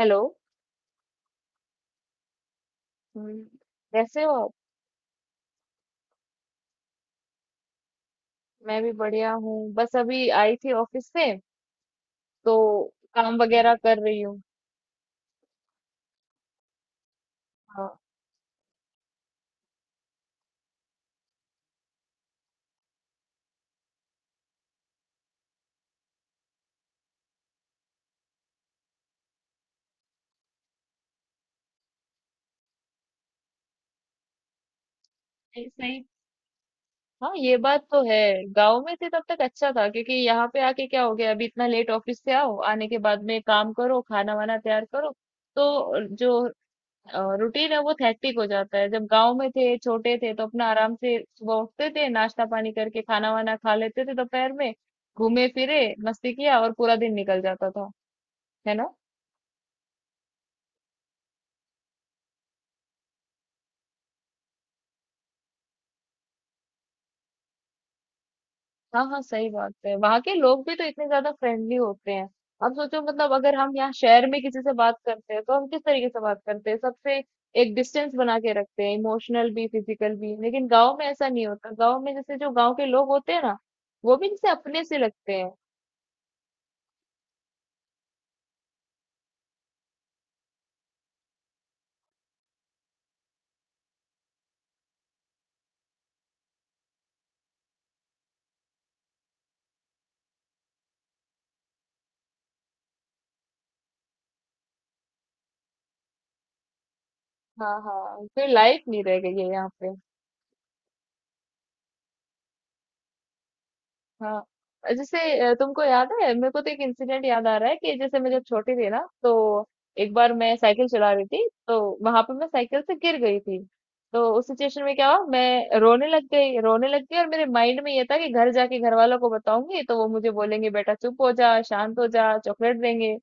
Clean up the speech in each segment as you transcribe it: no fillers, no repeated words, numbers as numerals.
Hello. हम्म, कैसे हो आप? मैं भी बढ़िया हूँ। बस अभी आई थी ऑफिस से तो काम वगैरह कर रही हूँ। हाँ। नहीं, सही। हाँ, ये बात तो है। गांव में थे तब तक अच्छा था, क्योंकि यहाँ पे आके क्या हो गया, अभी इतना लेट ऑफिस से आओ, आने के बाद में काम करो, खाना वाना तैयार करो, तो जो रूटीन है वो थैक्टिक हो जाता है। जब गांव में थे छोटे थे, तो अपना आराम से सुबह उठते थे, नाश्ता पानी करके खाना वाना खा लेते थे, दोपहर में घूमे फिरे मस्ती किया, और पूरा दिन निकल जाता था। है ना। हाँ, हाँ, सही बात है। वहाँ के लोग भी तो इतने ज्यादा फ्रेंडली होते हैं। अब सोचो, मतलब अगर हम यहाँ शहर में किसी से बात करते हैं तो हम किस तरीके से बात करते हैं, सबसे एक डिस्टेंस बना के रखते हैं, इमोशनल भी फिजिकल भी। लेकिन गांव में ऐसा नहीं होता। गांव में जैसे जो गांव के लोग होते हैं ना, वो भी जैसे अपने से लगते हैं। हाँ, हाँ, कोई लाइफ नहीं रह गई है यहाँ पे। हाँ, जैसे तुमको याद है, मेरे को तो एक इंसिडेंट याद आ रहा है कि जैसे मैं जब छोटी थी ना, तो एक बार मैं साइकिल चला रही थी, तो वहां पे मैं साइकिल से गिर गई थी। तो उस सिचुएशन में क्या हुआ, मैं रोने लग गई, रोने लग गई, और मेरे माइंड में ये था कि घर जाके घर वालों को बताऊंगी तो वो मुझे बोलेंगे बेटा चुप हो जा, शांत हो जा, चॉकलेट देंगे।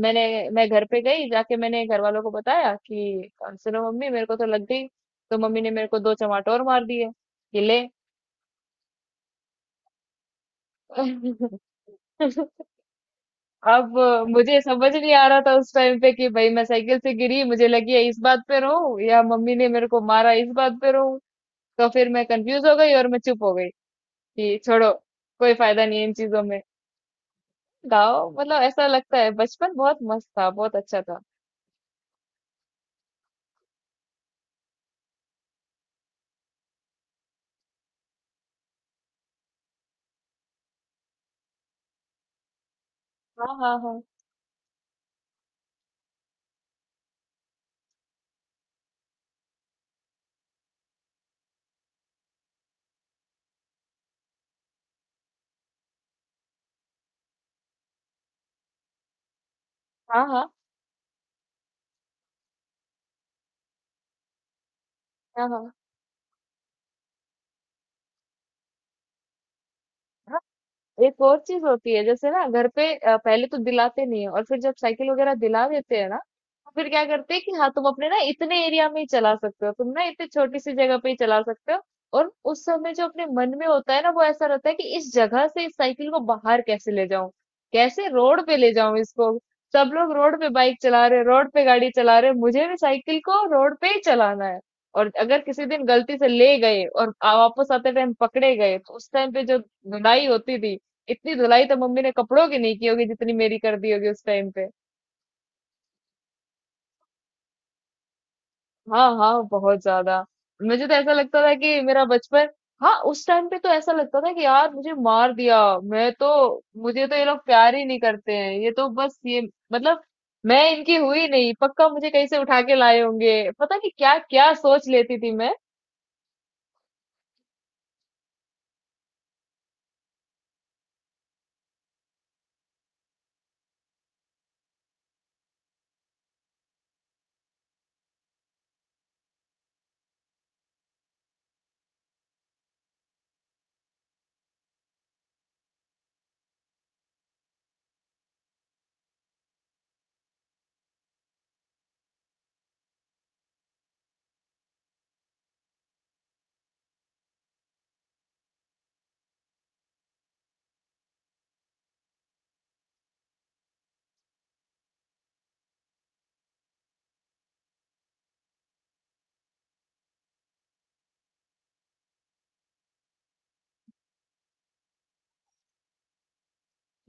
मैंने मैं घर पे गई, जाके मैंने घर वालों को बताया कि सुनो मम्मी, मेरे को तो लग गई, तो मम्मी ने मेरे को दो चमाटोर मार दिए, कि ले। अब मुझे समझ नहीं आ रहा था उस टाइम पे कि भाई, मैं साइकिल से गिरी, मुझे लगी है, इस बात पे रो, या मम्मी ने मेरे को मारा, इस बात पे रो। तो फिर मैं कंफ्यूज हो गई और मैं चुप हो गई कि छोड़ो, कोई फायदा नहीं है इन चीजों में। गाओ, मतलब ऐसा लगता है बचपन बहुत मस्त था, बहुत अच्छा था। हाँ, हाँ, हाँ, हाँ, हाँ, हाँ, हाँ। एक और चीज होती है, जैसे ना घर पे पहले तो दिलाते नहीं है, और फिर जब साइकिल वगैरह दिला देते हैं ना, तो फिर क्या करते हैं कि हाँ तुम अपने ना इतने एरिया में ही चला सकते हो, तुम ना इतनी छोटी सी जगह पे ही चला सकते हो। और उस समय जो अपने मन में होता है ना, वो ऐसा रहता है कि इस जगह से इस साइकिल को बाहर कैसे ले जाऊं, कैसे रोड पे ले जाऊं इसको। सब लोग रोड पे बाइक चला रहे, रोड पे गाड़ी चला रहे, मुझे भी साइकिल को रोड पे ही चलाना है। और अगर किसी दिन गलती से ले गए और वापस आते टाइम पकड़े गए, तो उस टाइम पे जो धुनाई होती थी, इतनी धुलाई तो मम्मी ने कपड़ों की नहीं की होगी जितनी मेरी कर दी होगी उस टाइम पे। हाँ, हाँ, बहुत ज्यादा। मुझे तो ऐसा लगता था कि मेरा बचपन, हाँ, उस टाइम पे तो ऐसा लगता था कि यार मुझे मार दिया। मैं तो, मुझे तो ये लोग प्यार ही नहीं करते हैं, ये तो बस ये, मतलब मैं इनकी हुई नहीं, पक्का मुझे कहीं से उठा के लाए होंगे। पता नहीं क्या क्या सोच लेती थी मैं।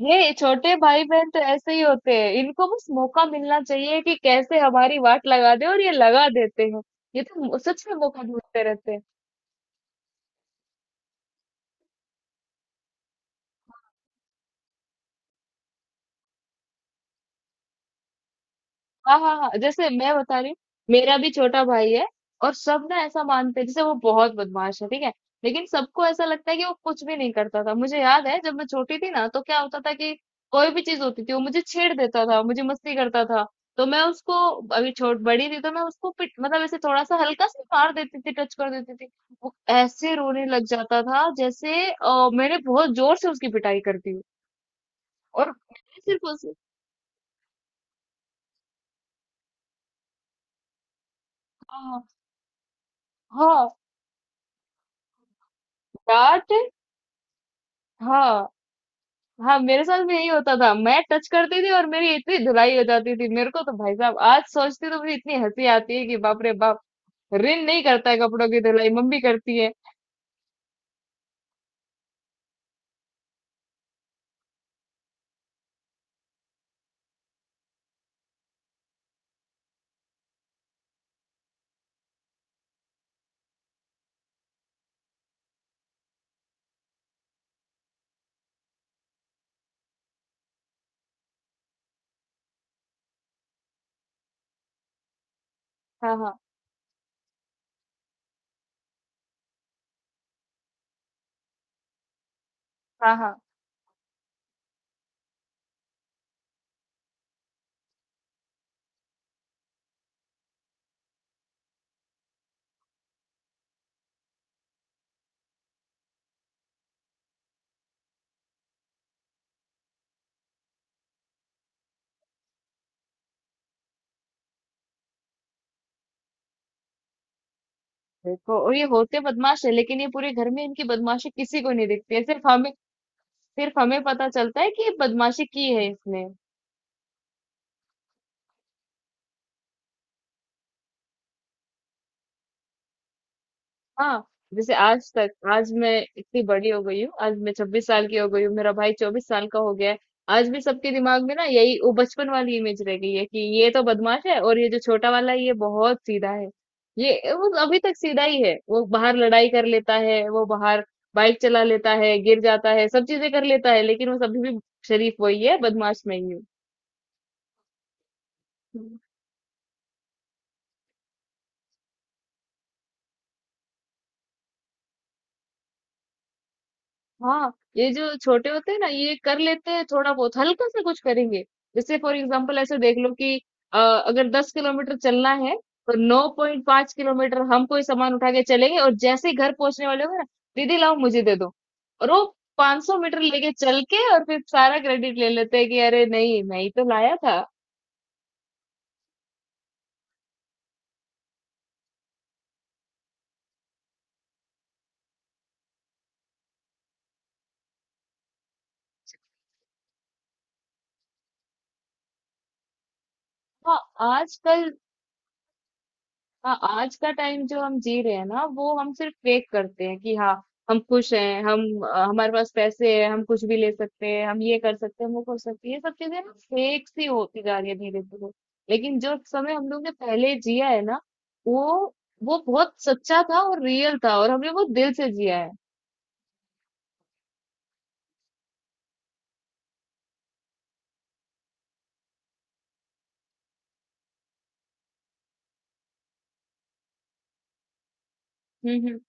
ये छोटे भाई बहन तो ऐसे ही होते हैं, इनको बस मौका मिलना चाहिए कि कैसे हमारी वाट लगा दे, और ये लगा देते हैं। ये तो सच में मौका ढूंढते रहते हैं। हाँ, हाँ, हाँ, जैसे मैं बता रही हूँ, मेरा भी छोटा भाई है, और सब ना ऐसा मानते हैं जैसे वो बहुत बदमाश है, ठीक है। लेकिन सबको ऐसा लगता है कि वो कुछ भी नहीं करता था। मुझे याद है जब मैं छोटी थी ना, तो क्या होता था कि कोई भी चीज होती थी, वो मुझे छेड़ देता था, मुझे मस्ती करता था। तो मैं उसको, अभी छोट बड़ी थी तो मैं उसको पिट, मतलब ऐसे थोड़ा सा हल्का सा मार देती थी, टच कर देती थी। वो ऐसे रोने लग जाता था, जैसे मैंने बहुत जोर से उसकी पिटाई कर दी हो। और मैंने सिर्फ उस, हाँ, हाँ, डांट। हाँ, हाँ, मेरे साथ भी यही होता था, मैं टच करती थी और मेरी इतनी धुलाई हो जाती थी। मेरे को तो भाई साहब, आज सोचती तो मुझे इतनी हंसी आती है कि बाप रे बाप। रिन नहीं करता है कपड़ों की धुलाई, मम्मी करती है। हाँ, हाँ, हाँ, हाँ, देखो और ये होते बदमाश है, लेकिन ये पूरे घर में इनकी बदमाशी किसी को नहीं दिखती है, सिर्फ हमें। सिर्फ हमें पता चलता है कि ये बदमाशी की है इसने। हाँ, जैसे आज तक, आज मैं इतनी बड़ी हो गई हूँ, आज मैं 26 साल की हो गई हूँ, मेरा भाई 24 साल का हो गया है। आज भी सबके दिमाग में ना यही वो बचपन वाली इमेज रह गई है कि ये तो बदमाश है, और ये जो छोटा वाला है ये बहुत सीधा है। ये वो अभी तक सीधा ही है, वो बाहर लड़ाई कर लेता है, वो बाहर बाइक चला लेता है, गिर जाता है, सब चीजें कर लेता है, लेकिन वो सभी भी शरीफ वही है, बदमाश मैं ही हूँ। हाँ, ये जो छोटे होते हैं ना, ये कर लेते हैं, थोड़ा बहुत हल्का सा कुछ करेंगे। जैसे फॉर एग्जांपल ऐसे देख लो कि, अगर 10 किलोमीटर चलना है, तो 9.5 किलोमीटर हम कोई सामान उठा के चलेंगे, और जैसे ही घर पहुंचने वाले होंगे ना, दीदी लाओ मुझे दे दो, और वो 500 मीटर लेके चल के, और फिर सारा क्रेडिट ले लेते हैं कि अरे नहीं मैं ही तो लाया था। हाँ, आजकल। हाँ, आज का टाइम जो हम जी रहे हैं ना, वो हम सिर्फ फेक करते हैं कि हाँ हम खुश हैं, हम हमारे पास पैसे हैं, हम कुछ भी ले सकते हैं, हम ये कर सकते हैं, हम वो कर सकते हैं, ये सब चीजें ना फेक सी होती जा रही है धीरे धीरे। लेकिन जो समय हम लोग ने पहले जिया है ना, वो वो बहुत सच्चा था और रियल था, और हमने वो दिल से जिया है। हम्म,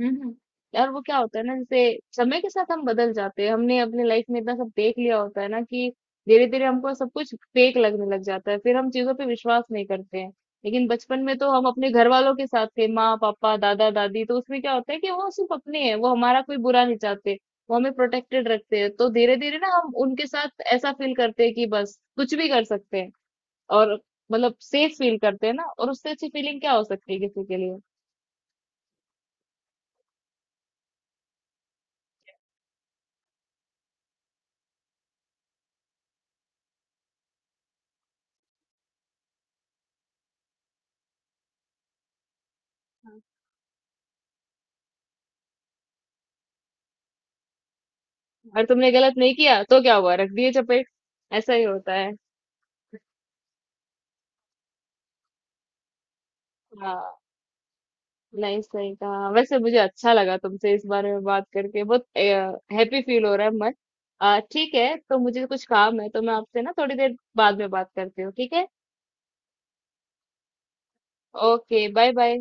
हुँ। यार वो क्या होता है ना, जैसे समय के साथ हम बदल जाते हैं। हमने अपनी लाइफ में इतना सब देख लिया होता है ना कि धीरे-धीरे हमको सब कुछ फेक लगने लग जाता है। फिर हम चीज़ों पे विश्वास नहीं करते हैं। लेकिन बचपन में तो हम अपने घरवालों के साथ थे, माँ-पापा, दादा-दादी, तो उसमें क्या होता है कि वो सिर्फ़ अपने हैं, वो हमारा कोई बुरा नहीं चाहते। वो हमें प्रोटेक्टेड रखते हैं। तो धीरे-धीरे ना हम उनके साथ ऐसा फ़ील करते हैं कि बस कुछ भी कर सकते हैं, और मतलब सेफ फ़ील करते हैं ना, और उससे अच्छी फ़ीलिंग क्या हो सकती है किसी के लिए? और तुमने गलत नहीं किया तो क्या हुआ, रख दिए चपेट। ऐसा ही होता है। हाँ, नहीं सही कहा, वैसे मुझे अच्छा लगा तुमसे इस बारे में बात करके, बहुत हैप्पी फील हो रहा है मन। ठीक है, तो मुझे कुछ काम है, तो मैं आपसे ना थोड़ी देर बाद में बात करती हूँ, ठीक है। Okay, bye bye.